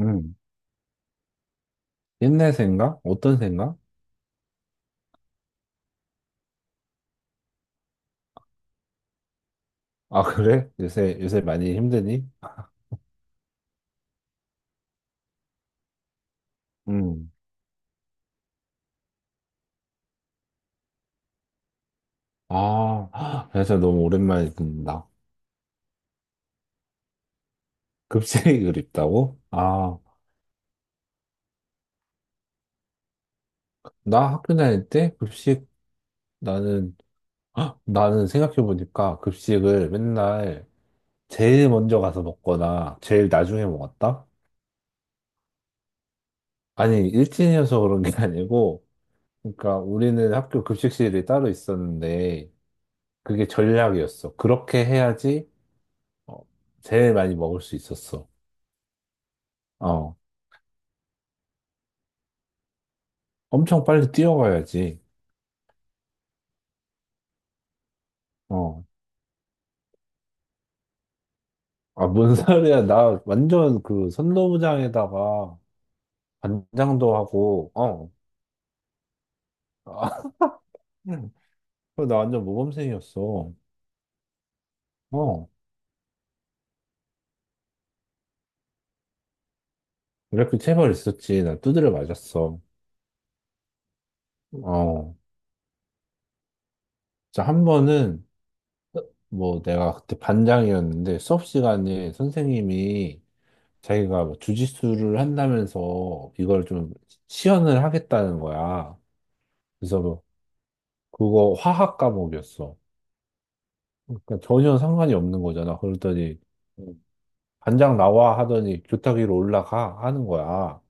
음, 옛날 생각? 어떤 생각? 아, 그래? 요새 많이 힘드니? 음. 아, 진짜 너무 오랜만에 듣는다. 급식이 그립다고? 아, 나 학교 다닐 때 급식. 나는, 헉, 나는 생각해보니까 급식을 맨날 제일 먼저 가서 먹거나 제일 나중에 먹었다? 아니, 일진이어서 그런 게 아니고, 그러니까 우리는 학교 급식실이 따로 있었는데, 그게 전략이었어. 그렇게 해야지 어, 제일 많이 먹을 수 있었어. 어, 엄청 빨리 뛰어가야지. 어, 아, 뭔 소리야. 나 완전 그 선도부장에다가 반장도 하고, 아, 그래서 나 완전 모범생이었어. 어, 이렇게 체벌 있었지. 나 두드려 맞았어. 어, 진짜 한 번은 뭐 내가 그때 반장이었는데 수업 시간에 선생님이 자기가 뭐 주짓수를 한다면서 이걸 좀 시연을 하겠다는 거야. 그래서 뭐 그거 화학 과목이었어. 그러니까 전혀 상관이 없는 거잖아. 그랬더니 반장 나와 하더니 교탁 위로 올라가 하는 거야.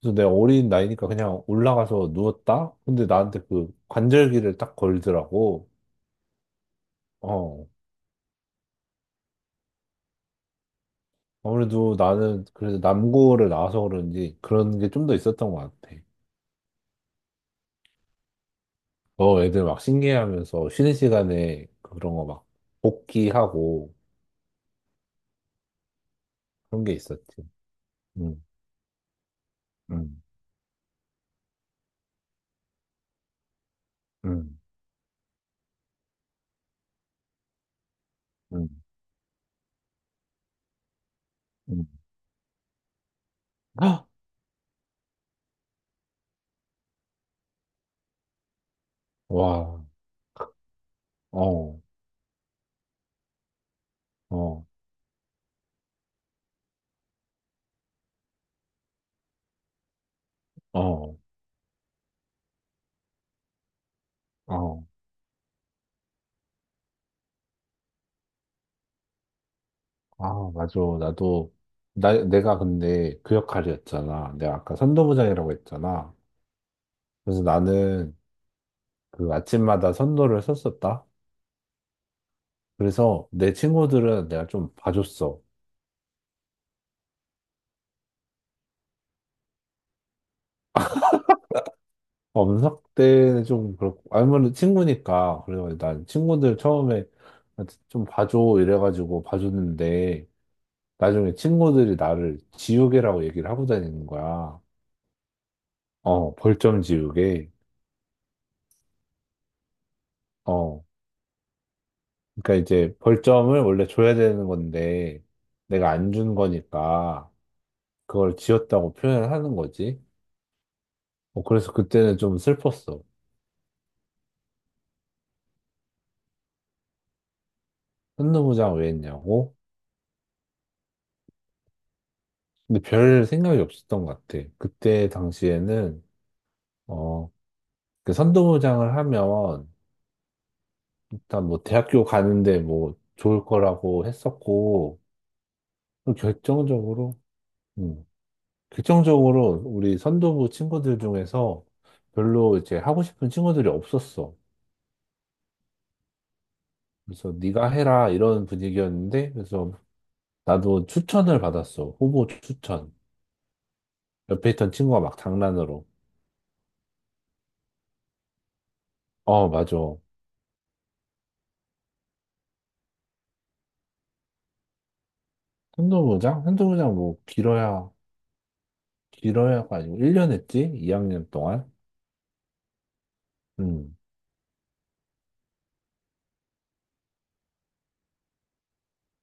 그래서 내가 어린 나이니까 그냥 올라가서 누웠다? 근데 나한테 그 관절기를 딱 걸더라고. 어. 아무래도 나는 그래서 남고를 나와서 그런지 그런 게 좀 더 있었던 것 같아. 어, 애들 막 신기해하면서 쉬는 시간에 그런 거 막 복귀하고 그런 게 있었지. 응, 응, 응, 응, 응. 헉! 와. 어, 어, 어, 어. 아, 맞아. 나도, 내가 근데 그 역할이었잖아. 내가 아까 선도부장이라고 했잖아. 그래서 나는 그 아침마다 선도를 썼었다. 그래서 내 친구들은 내가 좀 봐줬어. 엄석 때는 좀 그렇고, 아무래도 친구니까. 그래서 난 친구들 처음에 좀 봐줘 이래가지고 봐줬는데, 나중에 친구들이 나를 지우개라고 얘기를 하고 다니는 거야. 어, 벌점 지우개. 어. 그러니까 이제 벌점을 원래 줘야 되는 건데 내가 안 준 거니까 그걸 지었다고 표현을 하는 거지. 어, 그래서 그때는 좀 슬펐어. 현노부장 왜 했냐고? 근데 별 생각이 없었던 것 같아. 그때 당시에는 어, 그 선도부장을 하면 일단 뭐 대학교 가는데 뭐 좋을 거라고 했었고 또 결정적으로 음, 결정적으로 우리 선도부 친구들 중에서 별로 이제 하고 싶은 친구들이 없었어. 그래서 네가 해라 이런 분위기였는데 그래서 나도 추천을 받았어. 후보 추천. 옆에 있던 친구가 막 장난으로. 어, 맞아. 한도부장? 한도부장 뭐 길어야 길어야가 아니고 1년 했지? 2학년 동안? 음.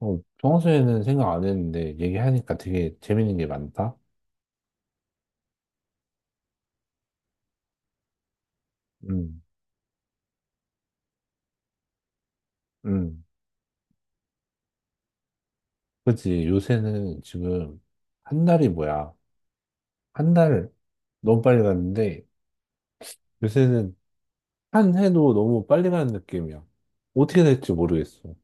어, 평소에는 생각 안 했는데 얘기하니까 되게 재밌는 게 많다. 음. 음. 그치 요새는 지금 한 달이 뭐야? 한 달 너무 빨리 갔는데 요새는 한 해도 너무 빨리 가는 느낌이야. 어떻게 될지 모르겠어.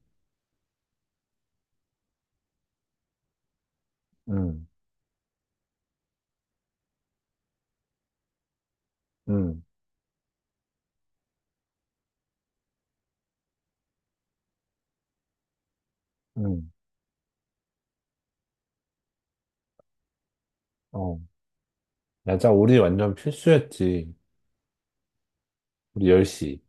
응, 응, 응. 어. 맞아, 우리 완전 필수였지. 우리 10시.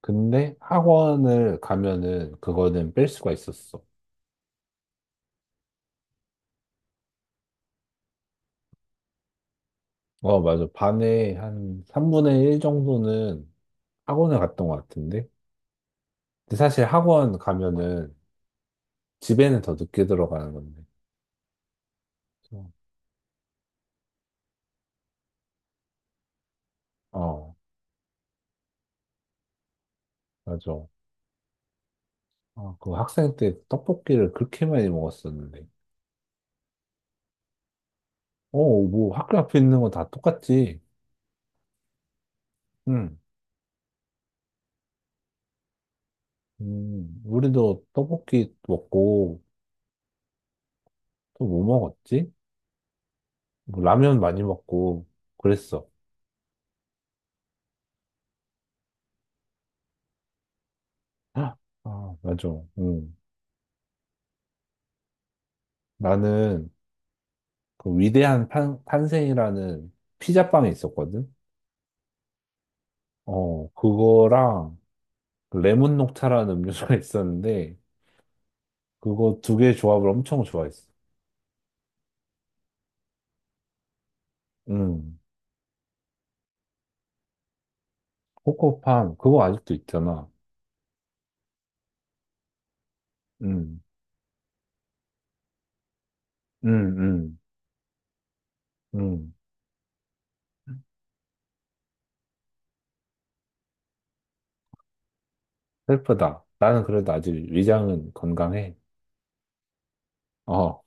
근데 학원을 가면은 그거는 뺄 수가 있었어. 어, 맞아. 반에 한 3분의 1 정도는 학원을 갔던 것 같은데. 근데 사실 학원 가면은 집에는 더 늦게 들어가는 건데. 그래서, 어, 맞아. 아, 그 학생 때 떡볶이를 그렇게 많이 먹었었는데. 어, 뭐 학교 앞에 있는 거 다 똑같지. 응. 우리도 떡볶이 먹고, 또 뭐 먹었지? 뭐 라면 많이 먹고, 그랬어. 아, 맞아. 음. 나는 그 위대한 탄, 탄생이라는 피자빵이 있었거든? 어, 그거랑 그 레몬 녹차라는 음료수가 있었는데, 그거 두 개 조합을 엄청 좋아했어. 응. 코코팜, 그거 아직도 있잖아. 응, 응, 응, 응. 슬프다. 나는 그래도 아직 위장은 건강해. 어.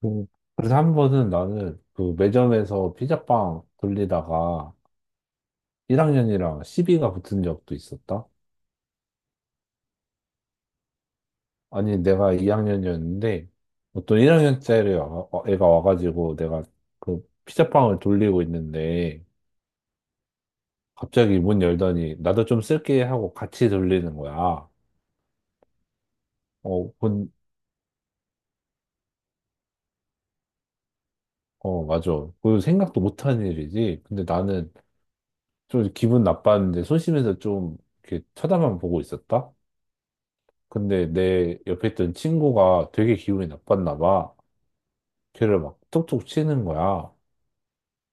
그- 그래서 한 번은 나는 그 매점에서 피자빵 돌리다가 1학년이랑 시비가 붙은 적도 있었다. 아니, 내가 2학년이었는데 어떤 1학년짜리 애가 와가지고 내가 그 피자빵을 돌리고 있는데 갑자기 문 열더니 나도 좀 쓸게 하고 같이 돌리는 거야. 어, 어, 맞아. 그 생각도 못한 일이지. 근데 나는 좀 기분 나빴는데 소심해서 좀 이렇게 쳐다만 보고 있었다. 근데 내 옆에 있던 친구가 되게 기분이 나빴나 봐. 걔를 막 툭툭 치는 거야.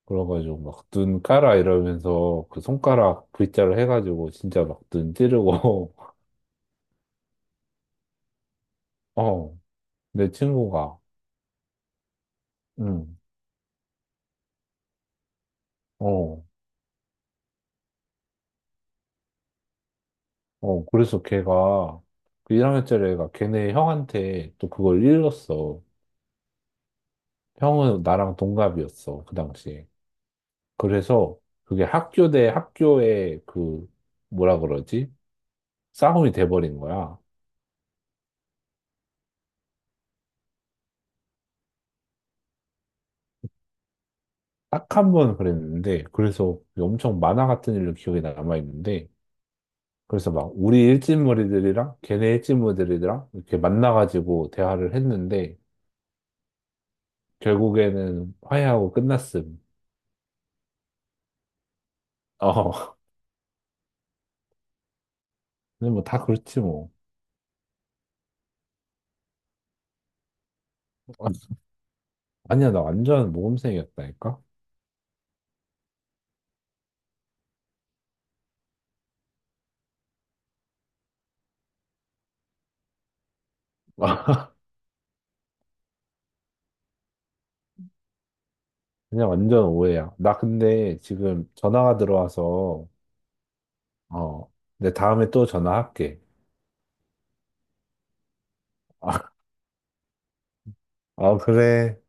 그래가지고 막 눈 까라 이러면서 그 손가락 V자로 해가지고 진짜 막 눈 찌르고, 어, 내 친구가, 응, 어, 어, 그래서 걔가, 그 1학년짜리 애가 걔네 형한테 또 그걸 일렀어. 형은 나랑 동갑이었어, 그 당시에. 그래서 그게 학교 대 학교의 그, 뭐라 그러지? 싸움이 돼버린 거야. 딱 한 번 그랬는데, 그래서 엄청 만화 같은 일로 기억에 남아있는데, 그래서 막 우리 일진머리들이랑 걔네 일진머리들이랑 이렇게 만나가지고 대화를 했는데, 결국에는 화해하고 끝났음. 어, 근데 뭐 다 그렇지 뭐. 아니야, 나 완전 모범생이었다니까? 그냥 완전 오해야. 나 근데 지금 전화가 들어와서, 어, 내 다음에 또 전화할게. 아, 그래.